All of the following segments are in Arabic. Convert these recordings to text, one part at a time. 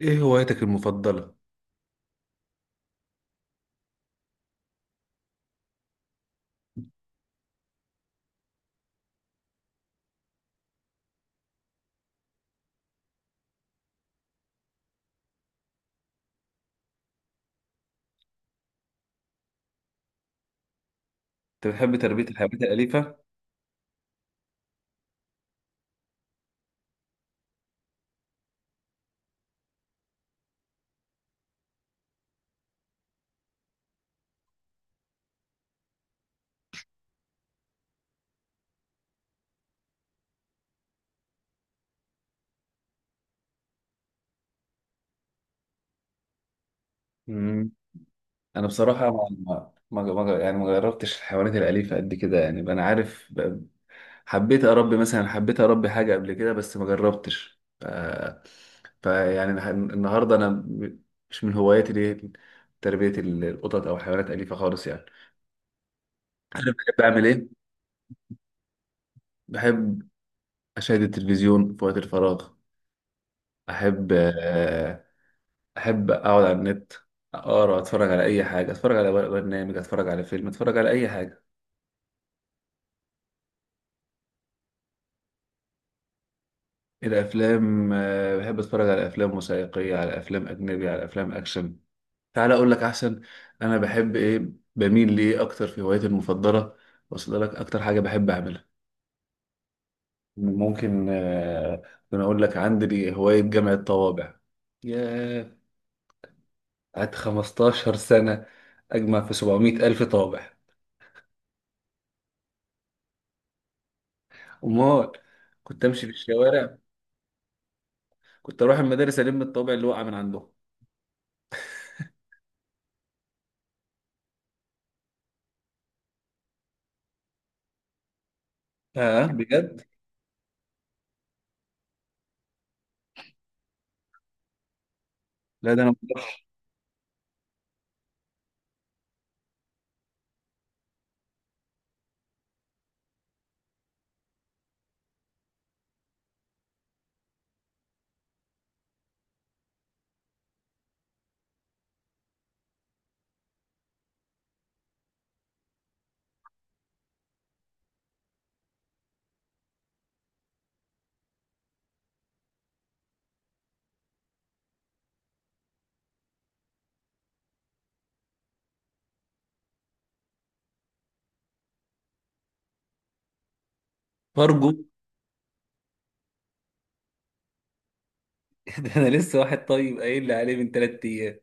ايه هوايتك المفضلة؟ انت بتحب تربية الحيوانات الأليفة؟ مم. انا بصراحة يعني ما جربتش الحيوانات الأليفة قد كده، يعني انا عارف حبيت اربي مثلا، حبيت اربي حاجة قبل كده بس ما جربتش. النهاردة انا مش من هواياتي دي تربية القطط او حيوانات أليفة خالص يعني. انا بحب اعمل ايه؟ بحب اشاهد التلفزيون في وقت الفراغ، احب احب اقعد على النت، اقرا، اتفرج على اي حاجه، اتفرج على برنامج، اتفرج على فيلم، اتفرج على اي حاجه. الافلام، بحب اتفرج على افلام وثائقيه، على افلام اجنبي، على افلام اكشن. تعال اقول لك احسن، انا بحب ايه، بميل ليه اكتر في هوايتي المفضله، واصل لك اكتر حاجه بحب اعملها. ممكن، انا اقول لك، عندي هوايه جمع الطوابع. ياه، قعدت 15 سنه اجمع في 700 الف طابع. امال، كنت امشي في الشوارع، كنت اروح المدارس الم الطابع اللي وقع من عندهم. اه، بجد. لا، ده انا فرجه. ده انا لسه واحد طيب قايل لي عليه من ثلاث ايام.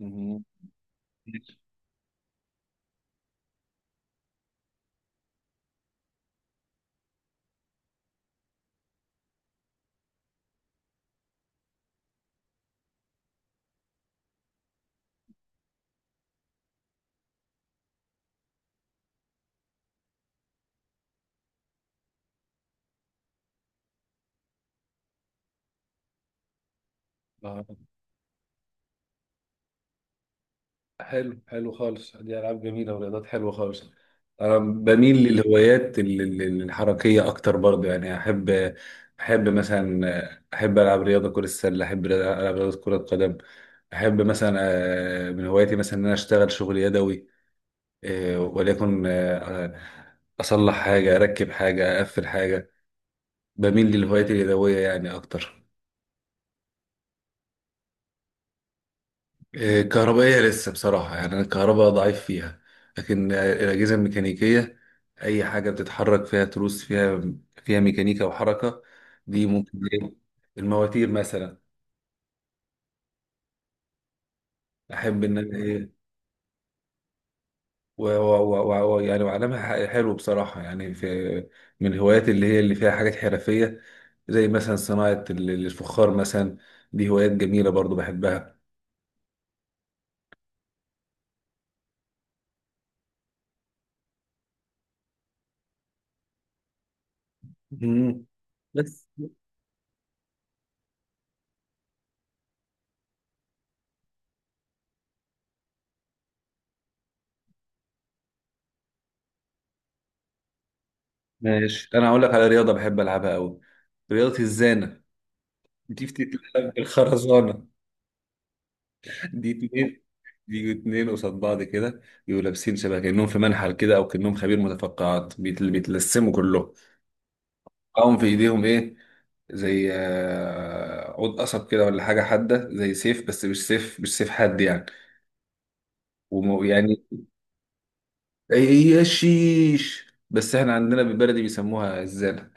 مهم. آه، حلو، حلو خالص، دي العاب جميله ورياضات حلوه خالص. انا بميل للهوايات الحركيه اكتر برضو، يعني احب مثلا، احب العب رياضه كره السله، احب العب رياضه كره القدم. احب مثلا، من هواياتي مثلا ان انا اشتغل شغل يدوي. وليكن، أصلح حاجة، أركب حاجة، أقفل حاجة. بميل للهوايات اليدوية يعني أكتر. كهربائية لسه بصراحة، يعني أنا الكهرباء ضعيف فيها. لكن الأجهزة الميكانيكية، أي حاجة بتتحرك، فيها تروس، فيها فيها ميكانيكا وحركة، دي ممكن إيه؟ المواتير مثلا. أحب إن أنا إيه، و و و و يعني وعلمها. حلو بصراحة، يعني في من الهوايات اللي هي اللي فيها حاجات حرفية، زي مثلا صناعة الفخار مثلا، دي هوايات جميلة برضو بحبها. مم. بس ماشي، أنا هقول لك على رياضة بحب ألعبها أوي، رياضة الزانة، دي بتتلعب بالخرزانة. دي اتنين، بيجوا اتنين قصاد بعض كده، يبقوا لابسين شبه كأنهم في منحل كده، أو كأنهم خبير متفقعات، بيتلسموا كلهم، معاهم في ايديهم ايه، زي عود قصب كده، ولا حاجه حاده زي سيف، بس مش سيف، مش سيف حاد يعني. يعني اي. يا شيش، بس احنا عندنا بالبلدي بيسموها الزانه.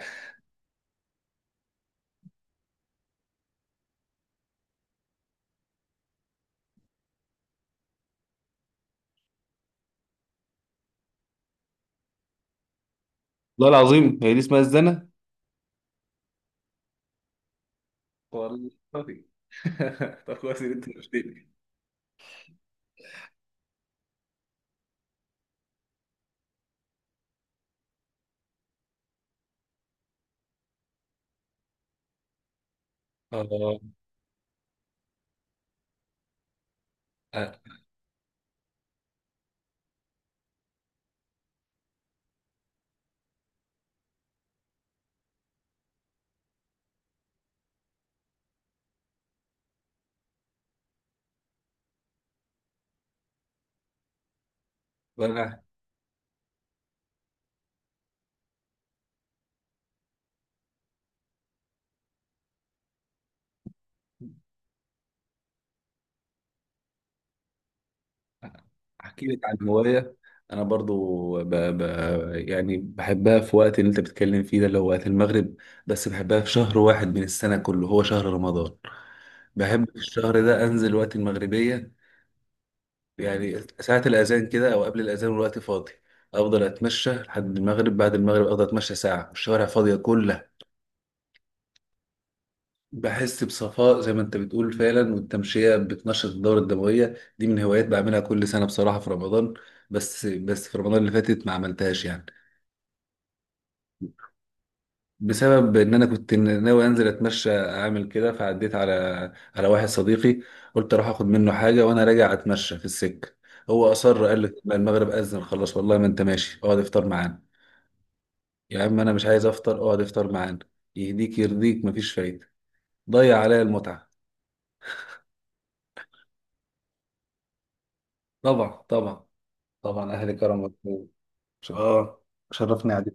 والله العظيم هي دي اسمها الزنا. والله طب كويس ان انت شفتني. اه. آه، وانا احكي لك عن هوايه، انا برضو يعني بحبها في وقت اللي انت بتتكلم فيه ده، اللي هو وقت المغرب. بس بحبها في شهر واحد من السنه كله، هو شهر رمضان. بحب في الشهر ده انزل وقت المغربيه، يعني ساعه الاذان كده، او قبل الاذان والوقت فاضي، افضل اتمشى لحد المغرب. بعد المغرب افضل اتمشى ساعه والشوارع فاضيه كلها، بحس بصفاء زي ما انت بتقول فعلا، والتمشيه بتنشط الدوره الدمويه. دي من هوايات بعملها كل سنه بصراحه في رمضان. بس في رمضان اللي فاتت ما عملتهاش يعني، بسبب ان انا كنت ناوي انزل اتمشى اعمل كده، فعديت على واحد صديقي، قلت اروح اخد منه حاجه وانا راجع اتمشى في السكه. هو اصر، قال لي: "لا، المغرب اذن خلاص، والله ما انت ماشي، اقعد افطر معانا". يا عم انا مش عايز افطر. اقعد افطر معانا، يهديك يرضيك، مفيش فايده. ضيع عليا المتعه. طبعا، طبعا، طبعا، اهلي كرم مطلوب. اه شرفني قعدتك.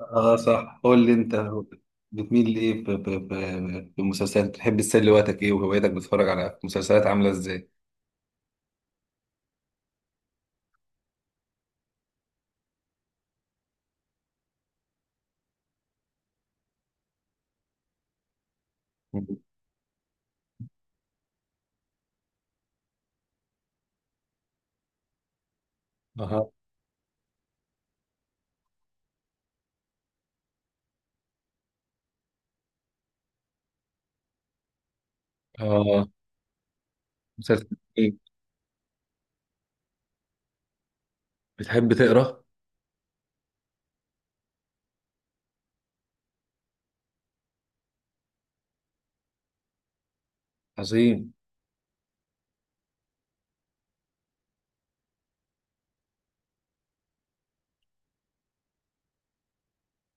اه، صح، قول لي انت بتميل لايه في المسلسلات، بتحب تسلي وقتك ايه، وهوايتك بتتفرج على مسلسلات عامله ازاي؟ أها. آه، مسلسل إيه؟ بتحب تقرأ؟ عظيم.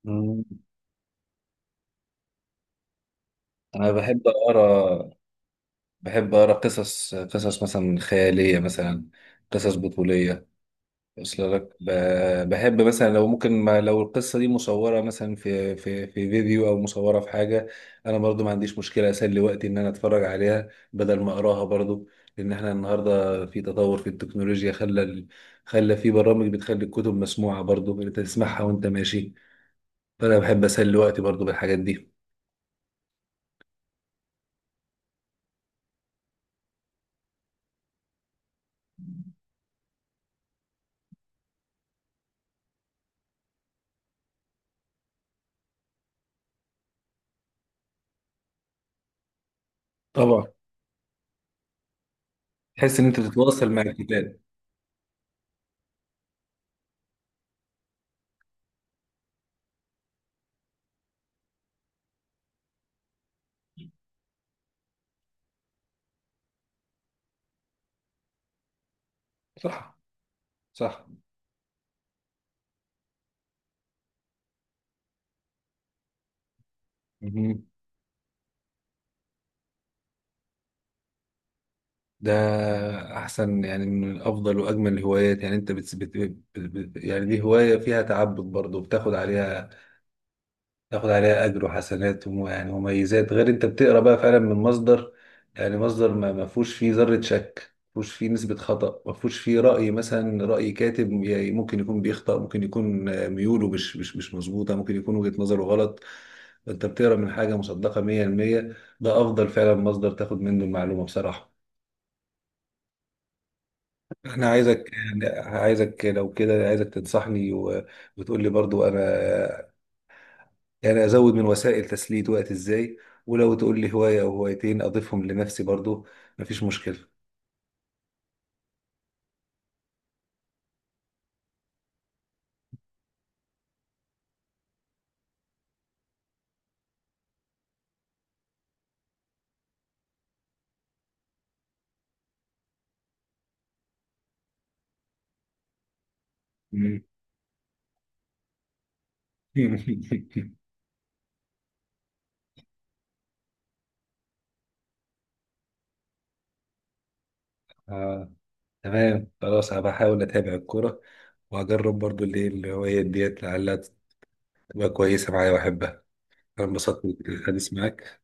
مم. أنا بحب أقرأ. بحب أقرأ قصص، قصص مثلا خيالية، مثلا قصص بطولية. وصل لك، بحب مثلا لو ممكن، ما لو القصة دي مصورة مثلا في فيديو، أو مصورة في حاجة، أنا برضو ما عنديش مشكلة أسلي وقتي إن أنا أتفرج عليها بدل ما أقراها برضو. لأن إحنا النهاردة في تطور في التكنولوجيا، خلى خلى في برامج بتخلي الكتب مسموعة برضو، أنت تسمعها وأنت ماشي. انا بحب اسلي وقتي برضو بالحاجات دي. طبعا. تحس ان انت تتواصل مع الكتاب. صح. صح. مهم. ده احسن يعني، من افضل واجمل الهوايات، يعني انت يعني دي هوايه فيها تعبد برضو، بتاخد عليها، تاخد عليها اجر وحسنات يعني مميزات، غير انت بتقرا بقى فعلا من مصدر، يعني مصدر ما فيهوش فيه ذره شك، ما فيهوش فيه نسبه خطا، ما فيهوش فيه راي مثلا راي كاتب، يعني ممكن يكون بيخطأ، ممكن يكون ميوله مش مظبوطه، ممكن يكون وجهه نظره غلط. انت بتقرا من حاجه مصدقه 100%، ده افضل فعلا مصدر تاخد منه المعلومه بصراحه. انا عايزك، عايزك لو كده عايزك تنصحني وتقول لي برضو انا يعني ازود من وسائل تسليه وقت ازاي، ولو تقول لي هوايه او هوايتين اضيفهم لنفسي برضو مفيش مشكله. مم. آه، تمام، خلاص، انا بحاول اتابع الكوره، وهجرب برضو اللي هي الهوايات ديت، لعلها تبقى كويسه معايا واحبها. انا انبسطت بالحديث معاك.